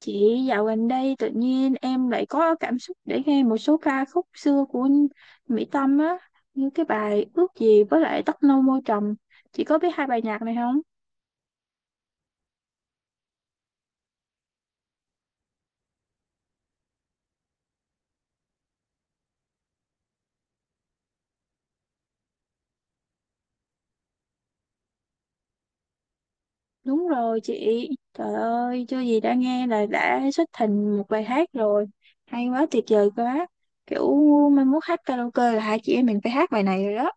Chị dạo gần đây tự nhiên em lại có cảm xúc để nghe một số ca khúc xưa của Mỹ Tâm á, như cái bài Ước gì với lại Tóc nâu môi trầm. Chị có biết hai bài nhạc này không? Đúng rồi chị. Trời ơi, chưa gì đã nghe là đã xuất thành một bài hát rồi. Hay quá, tuyệt vời quá. Kiểu mai mốt hát karaoke là hai chị em mình phải hát bài này rồi đó.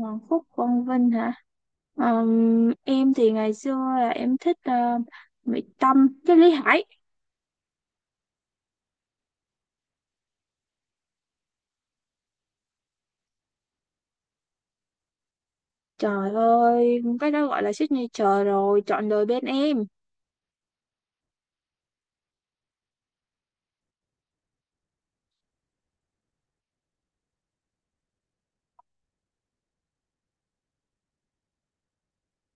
Hoàng Phúc, Quang Vinh hả? Em thì ngày xưa là em thích Mỹ Tâm với Lý Hải. Trời ơi, cái đó gọi là signature rồi, trọn đời bên em.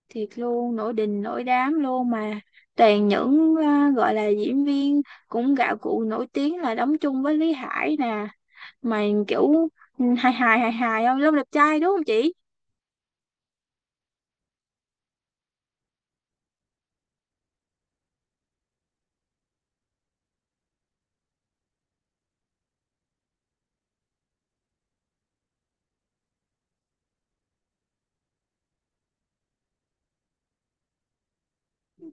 Thiệt luôn, nổi đình nổi đám luôn mà. Toàn những gọi là diễn viên cũng gạo cội nổi tiếng là đóng chung với Lý Hải nè. Mà kiểu hài hài hài hài không? Long đẹp trai đúng không chị?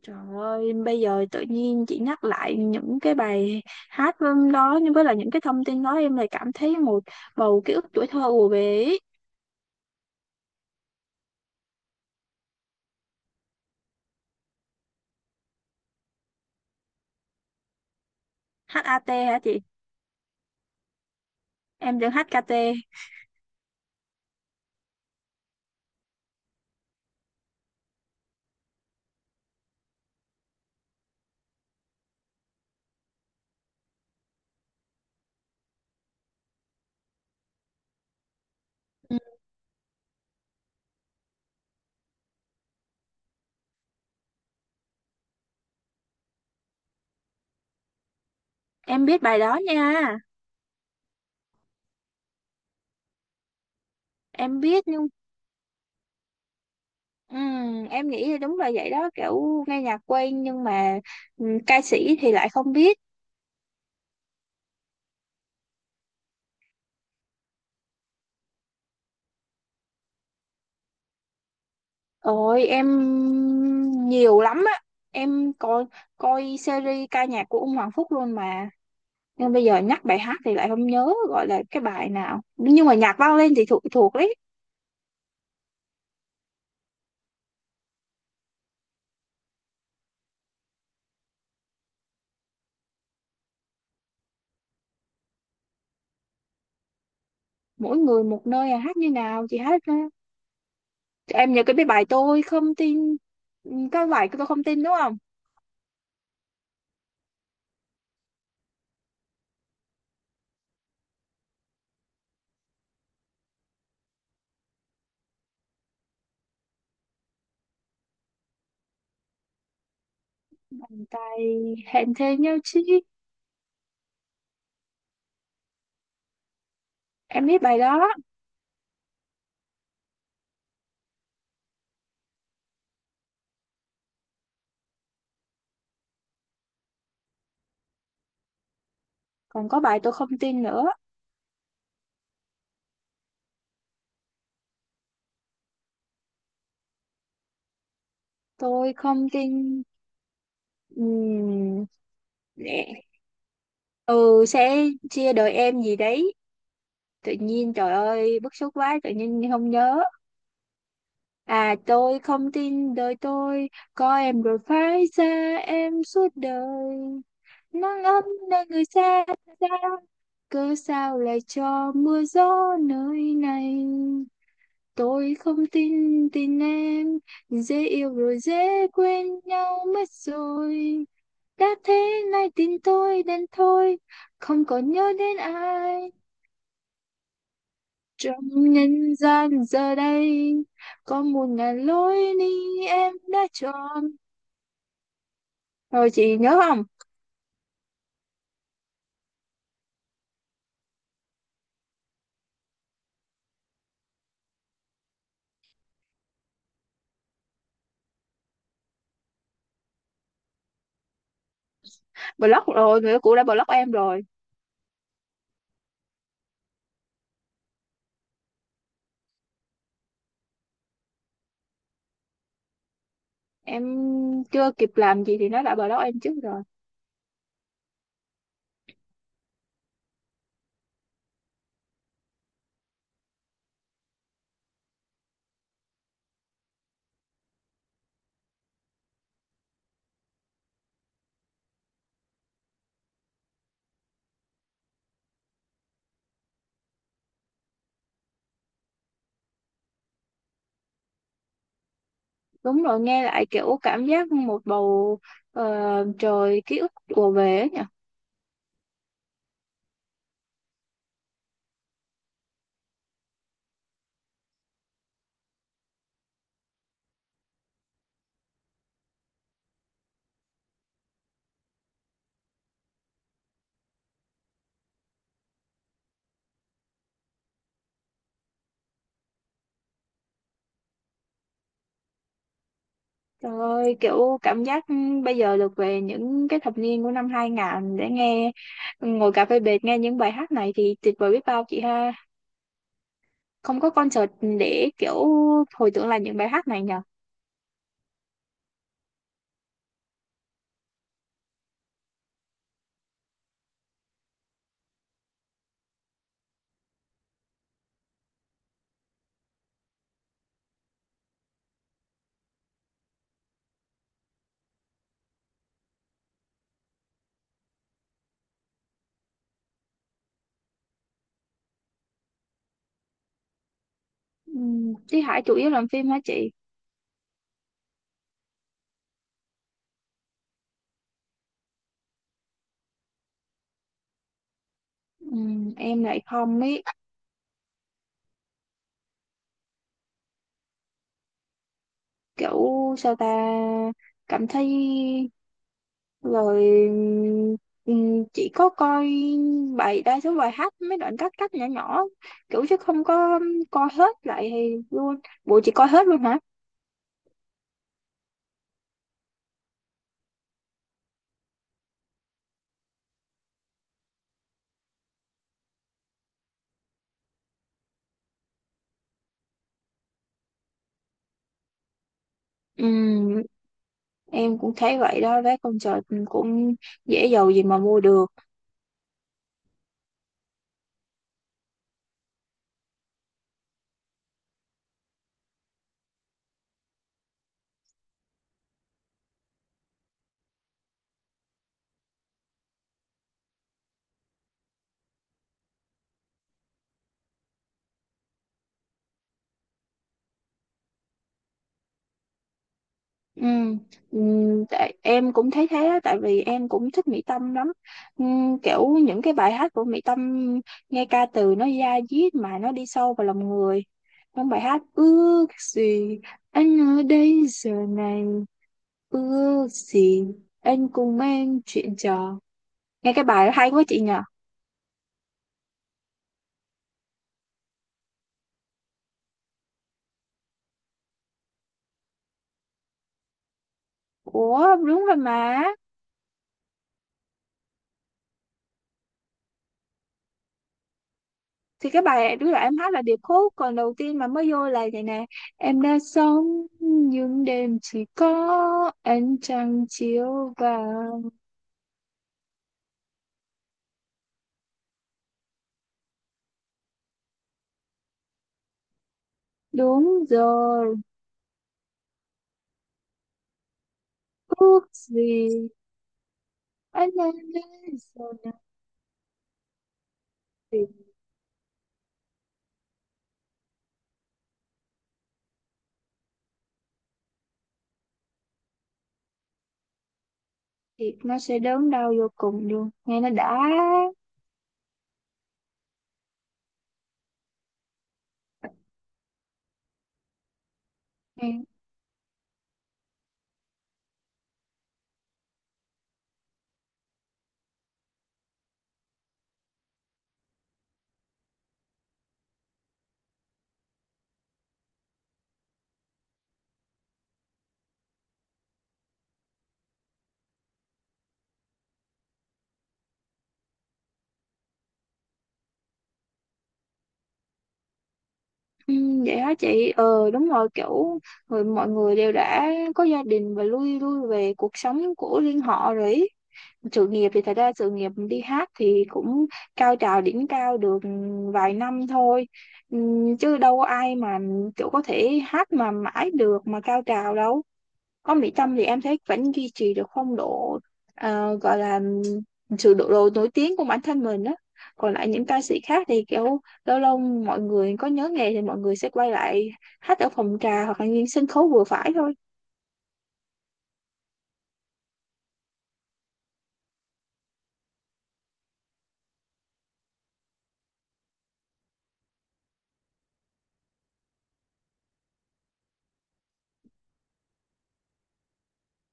Trời ơi, bây giờ tự nhiên chị nhắc lại những cái bài hát đó nhưng với là những cái thông tin đó em lại cảm thấy một bầu ký ức tuổi thơ ùa về ý. HAT hả chị? Em đừng HKT. Ừ. Em biết bài đó nha. Em biết, nhưng em nghĩ là đúng là vậy đó, kiểu nghe nhạc quen nhưng mà ca sĩ thì lại không biết. Ôi em nhiều lắm á, em coi coi series ca nhạc của ông Hoàng Phúc luôn mà, nhưng bây giờ nhắc bài hát thì lại không nhớ gọi là cái bài nào, nhưng mà nhạc vang lên thì thuộc thuộc đấy. Mỗi người một nơi à, hát như nào chị hát ra. Em nhớ cái bài tôi không tin. Cái bài tôi không tin đúng không? Bàn tay hẹn thề nhau chi. Em biết bài đó. Còn có bài tôi không tin nữa. Tôi không tin. ừm, Nè. Ừ sẽ chia đời em gì đấy. Tự nhiên trời ơi bức xúc quá, tự nhiên không nhớ. À, tôi không tin đời tôi, có em rồi phải xa em suốt đời. Nắng ấm nơi người xa xa, cớ sao lại cho mưa gió nơi này. Tôi không tin tin em, dễ yêu rồi dễ quên nhau mất rồi. Đã thế nay tin tôi đến thôi, không còn nhớ đến ai. Trong nhân gian giờ đây, có 1.000 lối đi em đã chọn. Rồi chị nhớ không? Block rồi, người yêu cũ đã block em rồi. Em chưa kịp làm gì thì nó đã block em trước rồi. Đúng rồi, nghe lại kiểu cảm giác một bầu ờ, trời ký ức ùa về ấy. Trời ơi, kiểu cảm giác bây giờ được về những cái thập niên của năm 2000 để nghe, ngồi cà phê bệt nghe những bài hát này thì tuyệt vời biết bao chị ha. Không có concert để kiểu hồi tưởng lại những bài hát này nhờ. Thúy Hải chủ yếu làm phim hả chị? Em lại không ấy, kiểu sao ta, cảm thấy rồi chỉ có coi bài, đa số bài hát mấy đoạn cắt cắt nhỏ nhỏ kiểu, chứ không có coi hết lại luôn bộ, chỉ coi hết luôn hả? Ừm, em cũng thấy vậy đó, vé concert cũng dễ giàu gì mà mua được. Ừm, tại em cũng thấy thế á, tại vì em cũng thích Mỹ Tâm lắm. Kiểu những cái bài hát của Mỹ Tâm nghe ca từ nó da diết mà nó đi sâu vào lòng người. Trong bài hát ước gì, anh ở đây giờ này, ước gì anh cùng em chuyện trò, nghe cái bài hay quá chị nhỉ. Ủa đúng rồi mà. Thì cái bài đứa là em hát là điệp khúc, còn đầu tiên mà mới vô là vậy nè: em đã sống những đêm chỉ có ánh trăng chiếu vào. Đúng rồi. Ước gì anh ở đây giờ này. Thì nó sẽ đớn đau vô cùng luôn, nghe nó đã. Ừ. Ừ, vậy hả chị, đúng rồi kiểu người, mọi người đều đã có gia đình và lui lui về cuộc sống của riêng họ rồi ý. Sự nghiệp thì thật ra sự nghiệp đi hát thì cũng cao trào đỉnh cao được vài năm thôi. Ừ, chứ đâu có ai mà kiểu có thể hát mà mãi được mà cao trào đâu. Có Mỹ Tâm thì em thấy vẫn duy trì được phong độ, gọi là sự độ nổi tiếng của bản thân mình á. Còn lại những ca sĩ khác thì kiểu lâu lâu mọi người có nhớ nghề thì mọi người sẽ quay lại hát ở phòng trà hoặc là những sân khấu vừa phải thôi.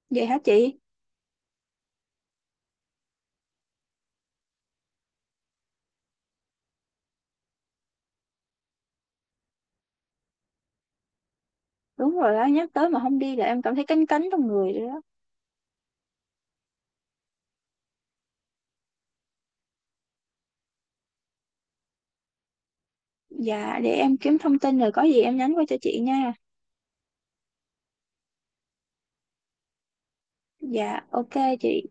Vậy hả chị? Đúng rồi đó, nhắc tới mà không đi là em cảm thấy cánh cánh trong người rồi đó. Dạ để em kiếm thông tin rồi có gì em nhắn qua cho chị nha. Dạ ok chị.